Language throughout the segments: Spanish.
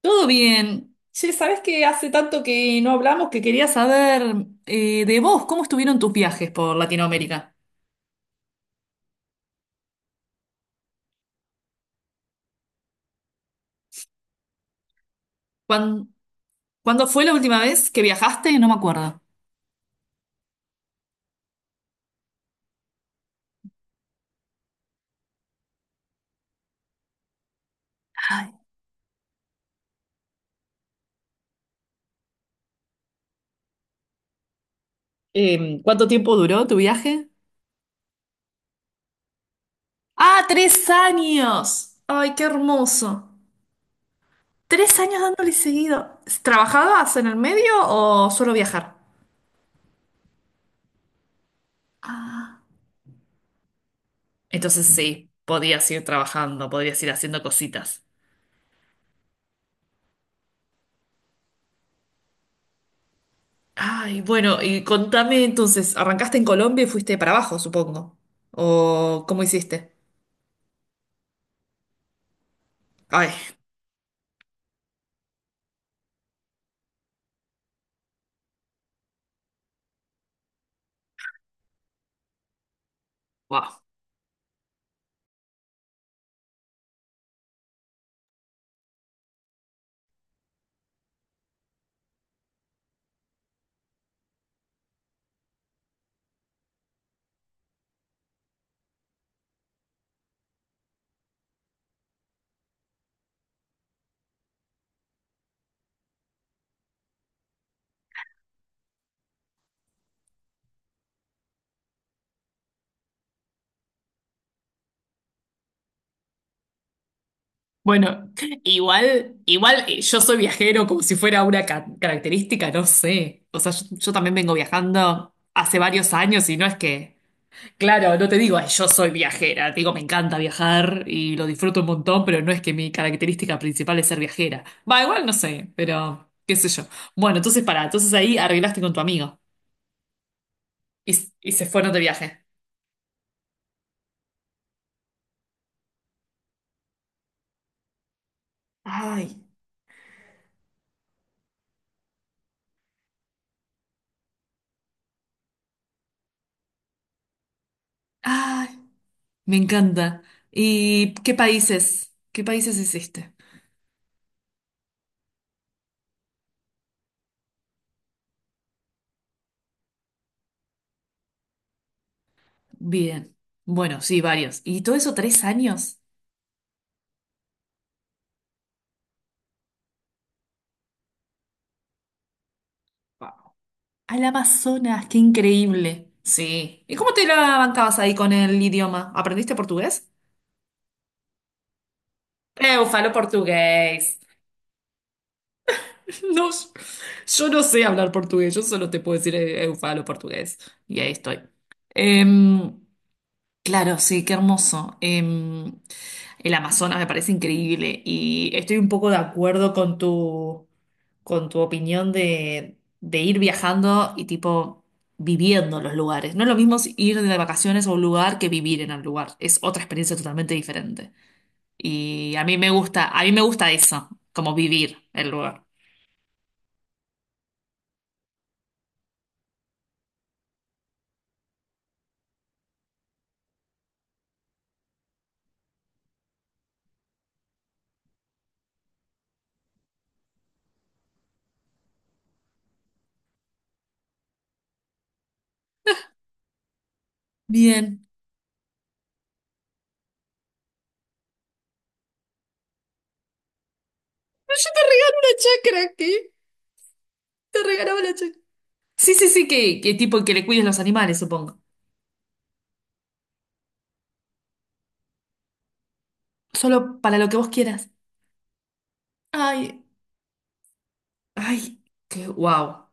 Todo bien. Che, sabés que hace tanto que no hablamos que quería saber de vos, ¿cómo estuvieron tus viajes por Latinoamérica? ¿Cuán- ¿Cuándo fue la última vez que viajaste? No me acuerdo. Ay. ¿Cuánto tiempo duró tu viaje? ¡Ah, 3 años! ¡Ay, qué hermoso! 3 años dándole seguido. ¿Trabajabas en el medio o solo viajar? Entonces sí, podías ir trabajando, podías ir haciendo cositas. Ay, bueno, y contame entonces, ¿arrancaste en Colombia y fuiste para abajo, supongo? ¿O cómo hiciste? Ay. Wow. Bueno, igual yo soy viajero como si fuera una característica, no sé. O sea, yo también vengo viajando hace varios años y no es que... Claro, no te digo, "Ay, yo soy viajera", te digo, me encanta viajar y lo disfruto un montón, pero no es que mi característica principal es ser viajera. Va, igual no sé, pero qué sé yo. Bueno, entonces ahí arreglaste con tu amigo y se fueron de viaje. Ay. Ay, me encanta. ¿Y qué países? ¿Qué países hiciste? Bien. Bueno, sí, varios. ¿Y todo eso 3 años? Wow. Al Amazonas, qué increíble. Sí. ¿Y cómo te la bancabas ahí con el idioma? ¿Aprendiste portugués? Eu falo portugués. No, yo no sé hablar portugués, yo solo te puedo decir eu falo portugués. Y ahí estoy. Em, claro, sí, qué hermoso. El Amazonas me parece increíble y estoy un poco de acuerdo con con tu opinión de ir viajando y tipo viviendo los lugares. No es lo mismo si ir de vacaciones a un lugar que vivir en el lugar. Es otra experiencia totalmente diferente. Y a mí me gusta, a mí me gusta eso, como vivir el lugar. Bien. Pero yo te regalo una chacra aquí. Te regalaba la chacra. Sí, sí, sí, que tipo que le cuides los animales, supongo. Solo para lo que vos quieras. Ay. Ay, qué wow,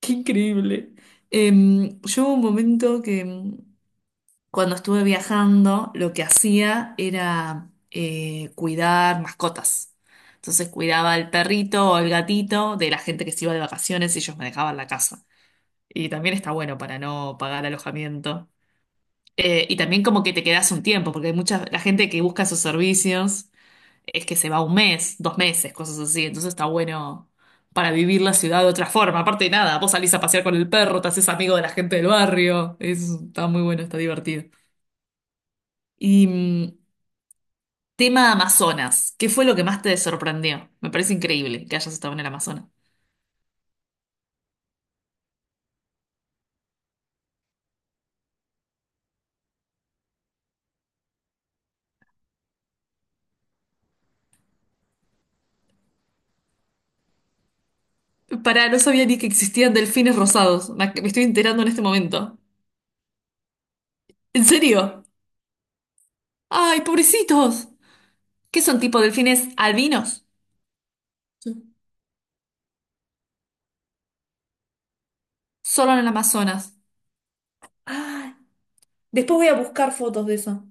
qué increíble. Yo hubo un momento que cuando estuve viajando, lo que hacía era cuidar mascotas. Entonces cuidaba al perrito o el gatito de la gente que se iba de vacaciones y ellos me dejaban la casa. Y también está bueno para no pagar alojamiento. Y también como que te quedas un tiempo, porque hay mucha la gente que busca esos servicios es que se va 1 mes, 2 meses, cosas así. Entonces está bueno para vivir la ciudad de otra forma. Aparte de nada, vos salís a pasear con el perro, te haces amigo de la gente del barrio. Es, está muy bueno, está divertido. Y tema Amazonas. ¿Qué fue lo que más te sorprendió? Me parece increíble que hayas estado en el Amazonas. Para, no sabía ni que existían delfines rosados. Me estoy enterando en este momento. ¿En serio? ¡Ay, pobrecitos! ¿Qué son tipo delfines albinos? Sí. Solo en el Amazonas. Ay, después voy a buscar fotos de eso.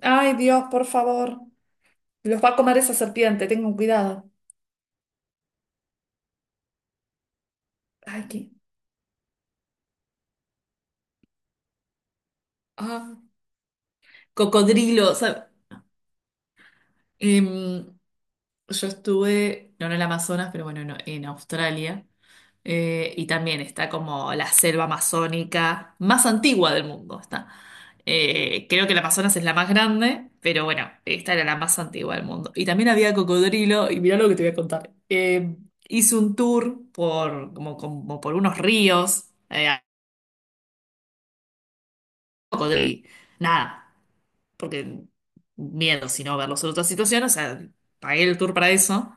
Ay, Dios, por favor. Los va a comer esa serpiente, tengan cuidado. Ay, qué... ah. Cocodrilo, o sea, em, yo estuve, no en el Amazonas, pero bueno, no, en Australia, y también está como la selva amazónica más antigua del mundo, está. Creo que el Amazonas es la más grande, pero bueno, esta era la más antigua del mundo. Y también había cocodrilo, y mirá lo que te voy a contar. Hice un tour por, como, como por unos ríos. Eh, cocodrilo nada, porque miedo, si no verlos en otra situación, o sea, pagué el tour para eso.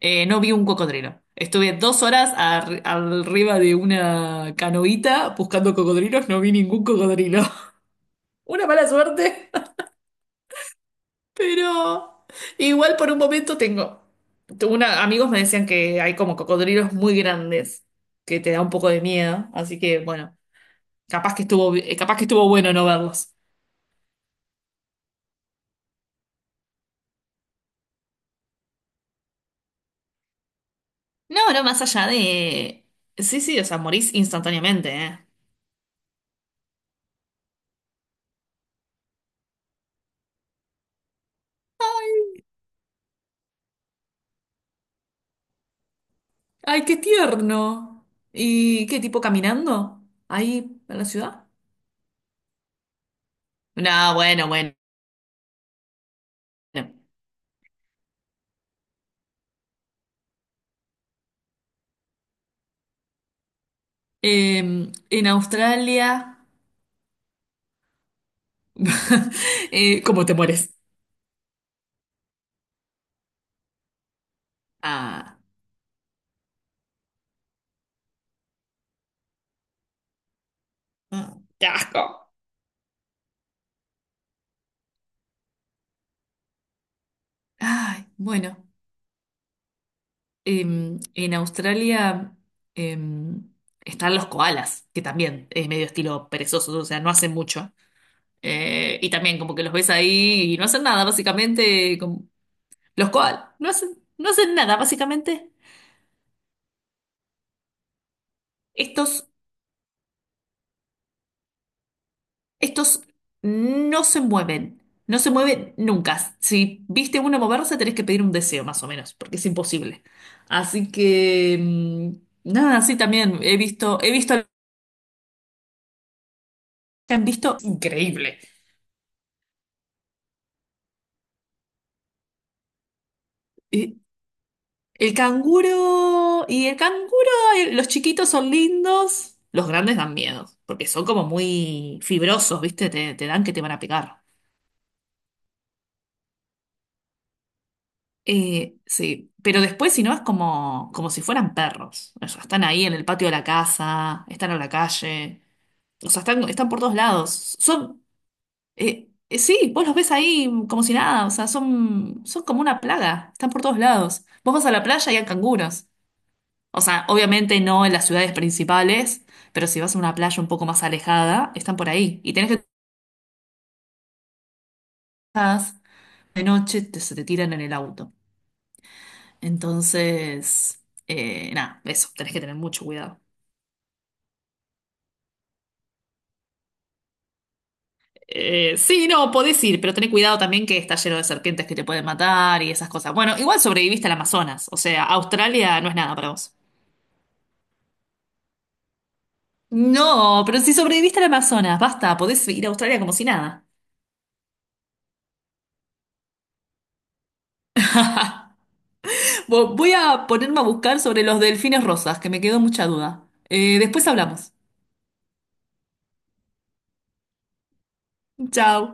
No vi un cocodrilo. Estuve 2 horas arriba de una canoita buscando cocodrilos, no vi ningún cocodrilo. Una mala suerte, pero igual por un momento tengo. Amigos me decían que hay como cocodrilos muy grandes, que te da un poco de miedo, así que bueno, capaz que estuvo bueno no verlos. No, no, más allá de... Sí, sí, o sea, morís instantáneamente, ¿eh? Ay, qué tierno. ¿Y qué tipo caminando? Ahí en la ciudad. No, bueno, bueno. Em, en Australia, ¿cómo te mueres? Ah. Mm, ¡qué asco! Ay, bueno. En Australia em, están los koalas, que también es medio estilo perezosos, o sea, no hacen mucho. Y también como que los ves ahí y no hacen nada, básicamente, como... los koalas no hacen, no hacen nada, básicamente. Estos, estos no se mueven, no se mueven nunca. Si viste uno moverse, tenés que pedir un deseo, más o menos, porque es imposible. Así que, mm, nada, sí, también he visto, han visto, increíble. Eh, el canguro, los chiquitos son lindos, los grandes dan miedo, porque son como muy fibrosos, ¿viste? Te dan que te van a pegar. Sí, pero después si no es como, como si fueran perros. O sea, están ahí en el patio de la casa, están en la calle, o sea, están por todos lados. Son, sí, vos los ves ahí como si nada, o sea, son como una plaga, están por todos lados. Vos vas a la playa y hay canguros. O sea, obviamente no en las ciudades principales, pero si vas a una playa un poco más alejada, están por ahí. Y tenés que de noche, se te tiran en el auto. Entonces, nada, eso, tenés que tener mucho cuidado. Sí, no, podés ir, pero tenés cuidado también que está lleno de serpientes que te pueden matar y esas cosas. Bueno, igual sobreviviste al Amazonas, o sea, Australia no es nada para vos. No, pero si sobreviviste al Amazonas, basta, podés ir a Australia como si nada. Voy a ponerme a buscar sobre los delfines rosas, que me quedó mucha duda. Después hablamos. Chao.